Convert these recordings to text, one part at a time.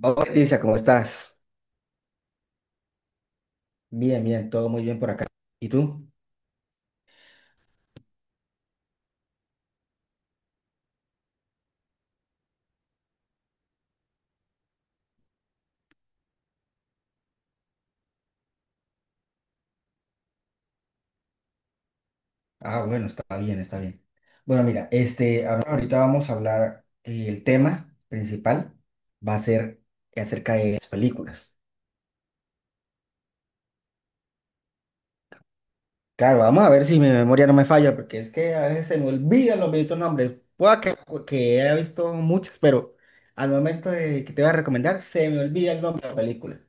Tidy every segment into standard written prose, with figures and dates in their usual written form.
Hola, Lisa, ¿cómo estás? Bien, bien, todo muy bien por acá. ¿Y tú? Ah, bueno, está bien, está bien. Bueno, mira, ahorita vamos a hablar, el tema principal va a ser acerca de las películas. Claro, vamos a ver si mi memoria no me falla, porque es que a veces se me olvidan los benditos nombres. Pueda que haya visto muchas, pero al momento de que te voy a recomendar, se me olvida el nombre de la película.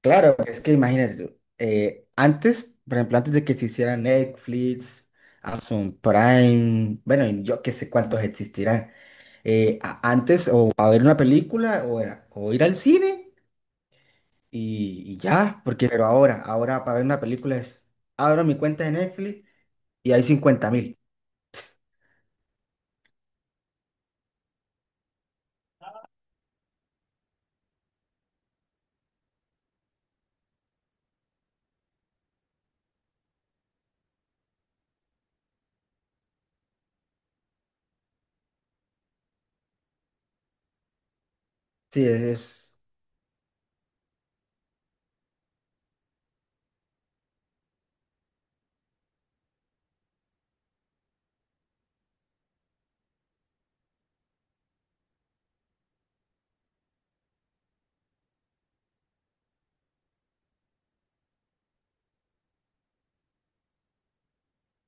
Claro, es que imagínate, tú, antes, por ejemplo, antes de que se hiciera Netflix, Amazon Prime, bueno, y yo qué sé cuántos existirán, antes o a ver una película, o ir al cine y ya, porque, pero ahora, ahora para ver una película es, abro mi cuenta de Netflix y hay 50.000. Sí, es, es-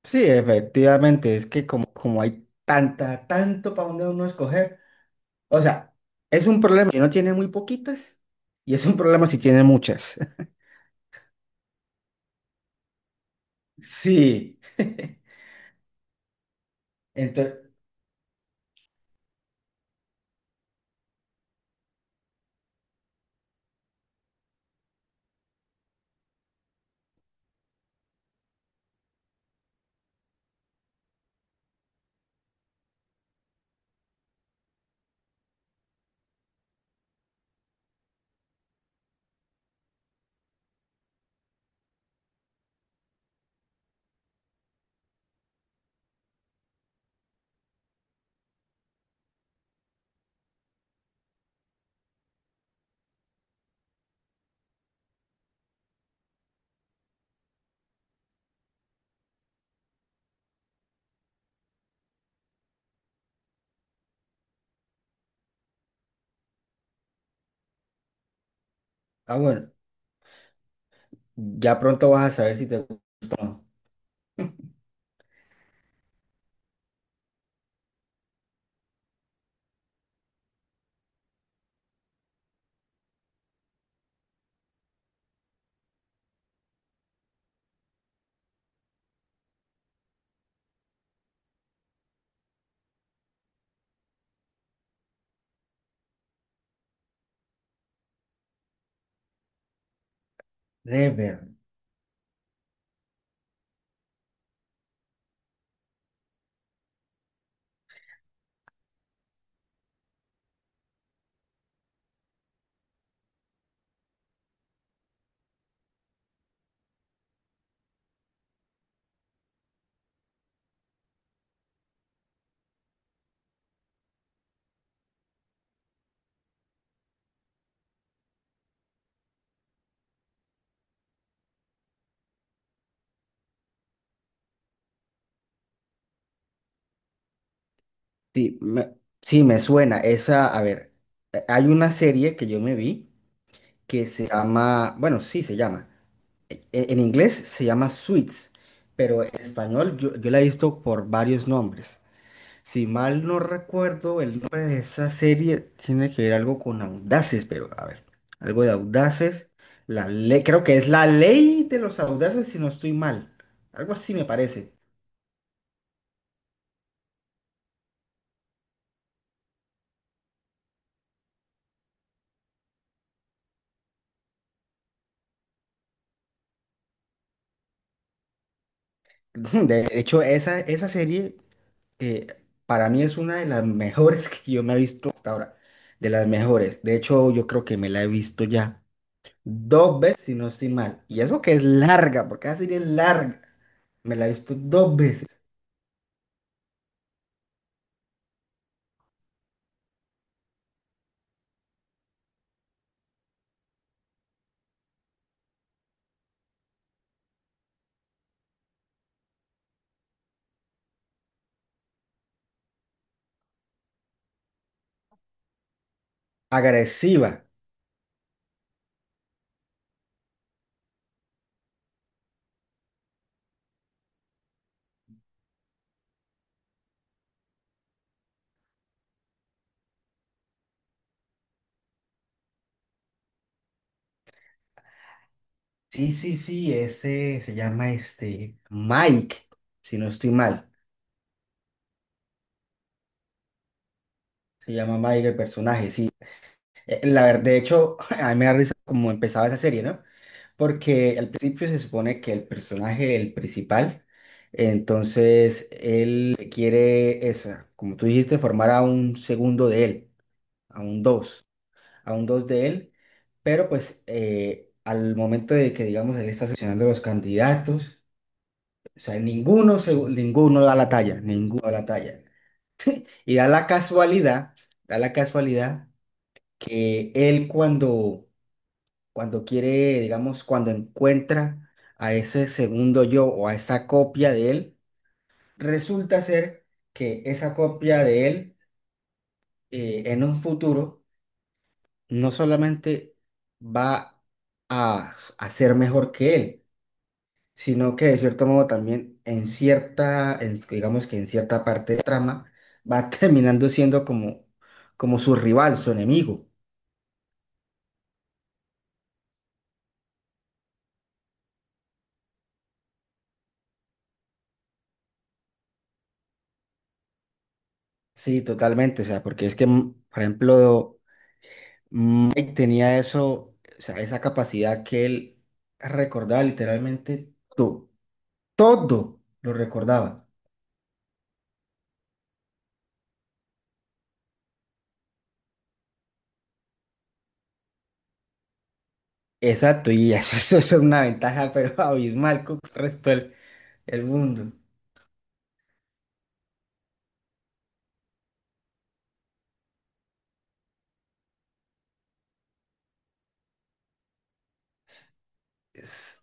sí, efectivamente, es que como hay tanto para donde uno escoger. O sea, es un problema si no tiene muy poquitas y es un problema si tiene muchas. Sí. Entonces, ah, bueno, ya pronto vas a saber si te gusta o no. Reverb. Sí, me, sí, me suena. Esa, a ver, hay una serie que yo me vi que se llama, En inglés se llama Suits, pero en español yo la he visto por varios nombres. Si mal no recuerdo, el nombre de esa serie tiene que ver algo con audaces, pero a ver, algo de audaces. La ley, creo que es la ley de los audaces, si no estoy mal. Algo así me parece. De hecho, esa serie eh, para mí es una de las mejores que yo me he visto hasta ahora. De las mejores. De hecho, yo creo que me la he visto ya dos veces, si no estoy mal. Y eso que es larga, porque esa serie es larga. Me la he visto dos veces. Agresiva. Sí, sí, sí, ese se llama este Mike, si no estoy mal. Se llama Mike el personaje, sí. La verdad, de hecho, a mí me da risa cómo empezaba esa serie, ¿no? Porque al principio se supone que el personaje, el principal, entonces él quiere esa, como tú dijiste, formar a un segundo de él, a un dos, a un dos de él, pero pues al momento de que, digamos, él está seleccionando los candidatos. O sea, ninguno da la talla, ninguno da la talla. Y da la casualidad que él cuando quiere, digamos, cuando encuentra a ese segundo yo o a esa copia de él, resulta ser que esa copia de él en un futuro no solamente va a ser mejor que él, sino que de cierto modo también en digamos que en cierta parte de trama, va terminando siendo como, como su rival, su enemigo. Sí, totalmente, o sea, porque es que, por ejemplo, Mike tenía eso, o sea, esa capacidad que él recordaba literalmente todo, todo lo recordaba. Exacto, y eso es una ventaja, pero abismal con el resto del, el mundo. Es-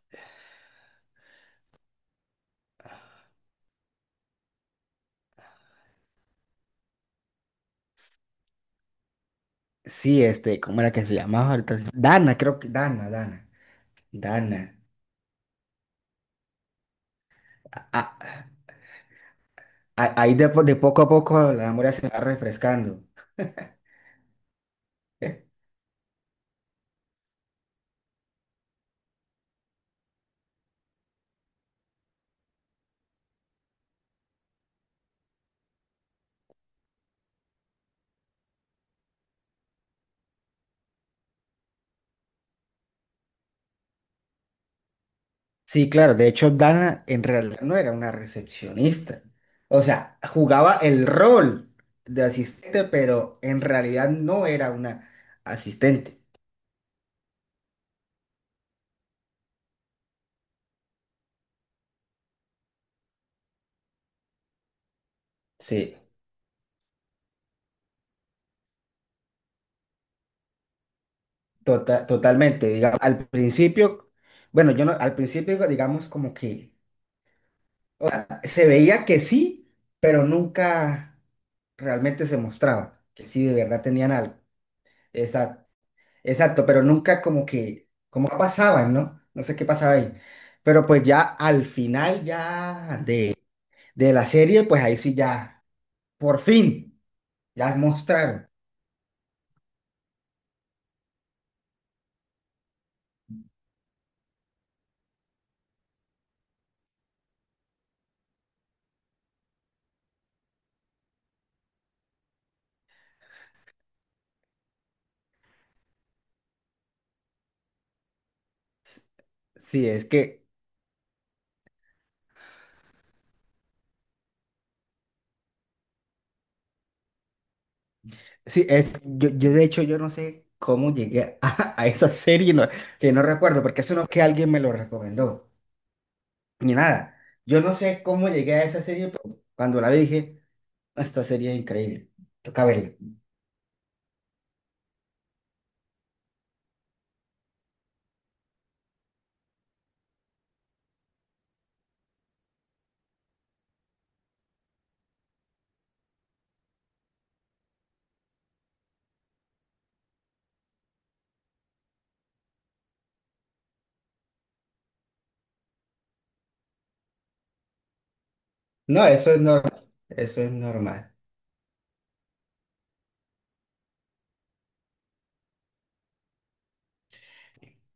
sí, este, ¿cómo era que se llamaba? Ahorita sí. Dana, Dana. Dana. A- ahí de poco a poco la memoria se va refrescando. ¿Eh? Sí, claro, de hecho Dana en realidad no era una recepcionista. O sea, jugaba el rol de asistente, pero en realidad no era una asistente. Sí, totalmente. Digamos, al principio, bueno, yo no, al principio digamos como que o sea, se veía que sí, pero nunca realmente se mostraba que sí, de verdad tenían algo. Exacto. Exacto, pero nunca como que, como pasaban, ¿no? No sé qué pasaba ahí. Pero pues ya al final ya de la serie, pues ahí sí ya, por fin, ya mostraron. Sí, es que, sí, es, yo de hecho yo no sé cómo llegué a esa serie, que no recuerdo, porque eso no es que alguien me lo recomendó, ni nada. Yo no sé cómo llegué a esa serie, pero cuando la vi dije, "Ah, esta serie es increíble, toca verla. No, eso es normal, eso es normal.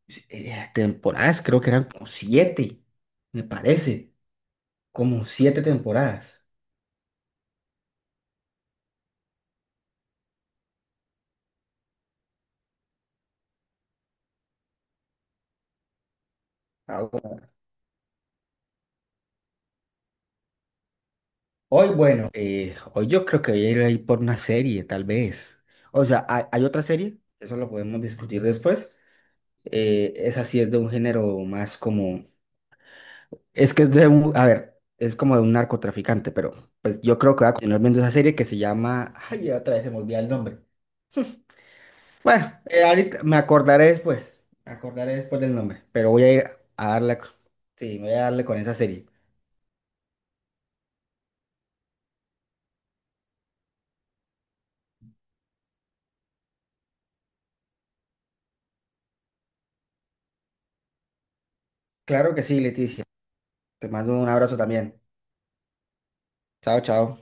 Sí, temporadas, creo que eran como siete, me parece, como siete temporadas. Ah, bueno. Hoy, bueno, hoy yo creo que voy a ir ahí por una serie, tal vez. O sea, hay otra serie, eso lo podemos discutir después. Esa sí es de un género más como... Es que es de un... A ver, es como de un narcotraficante, pero pues yo creo que voy a continuar viendo esa serie que se llama... Ay, otra vez se me olvida el nombre. Bueno, ahorita me acordaré después. Me acordaré después del nombre. Pero voy a ir a darle. Sí, voy a darle con esa serie. Claro que sí, Leticia. Te mando un abrazo también. Chao, chao.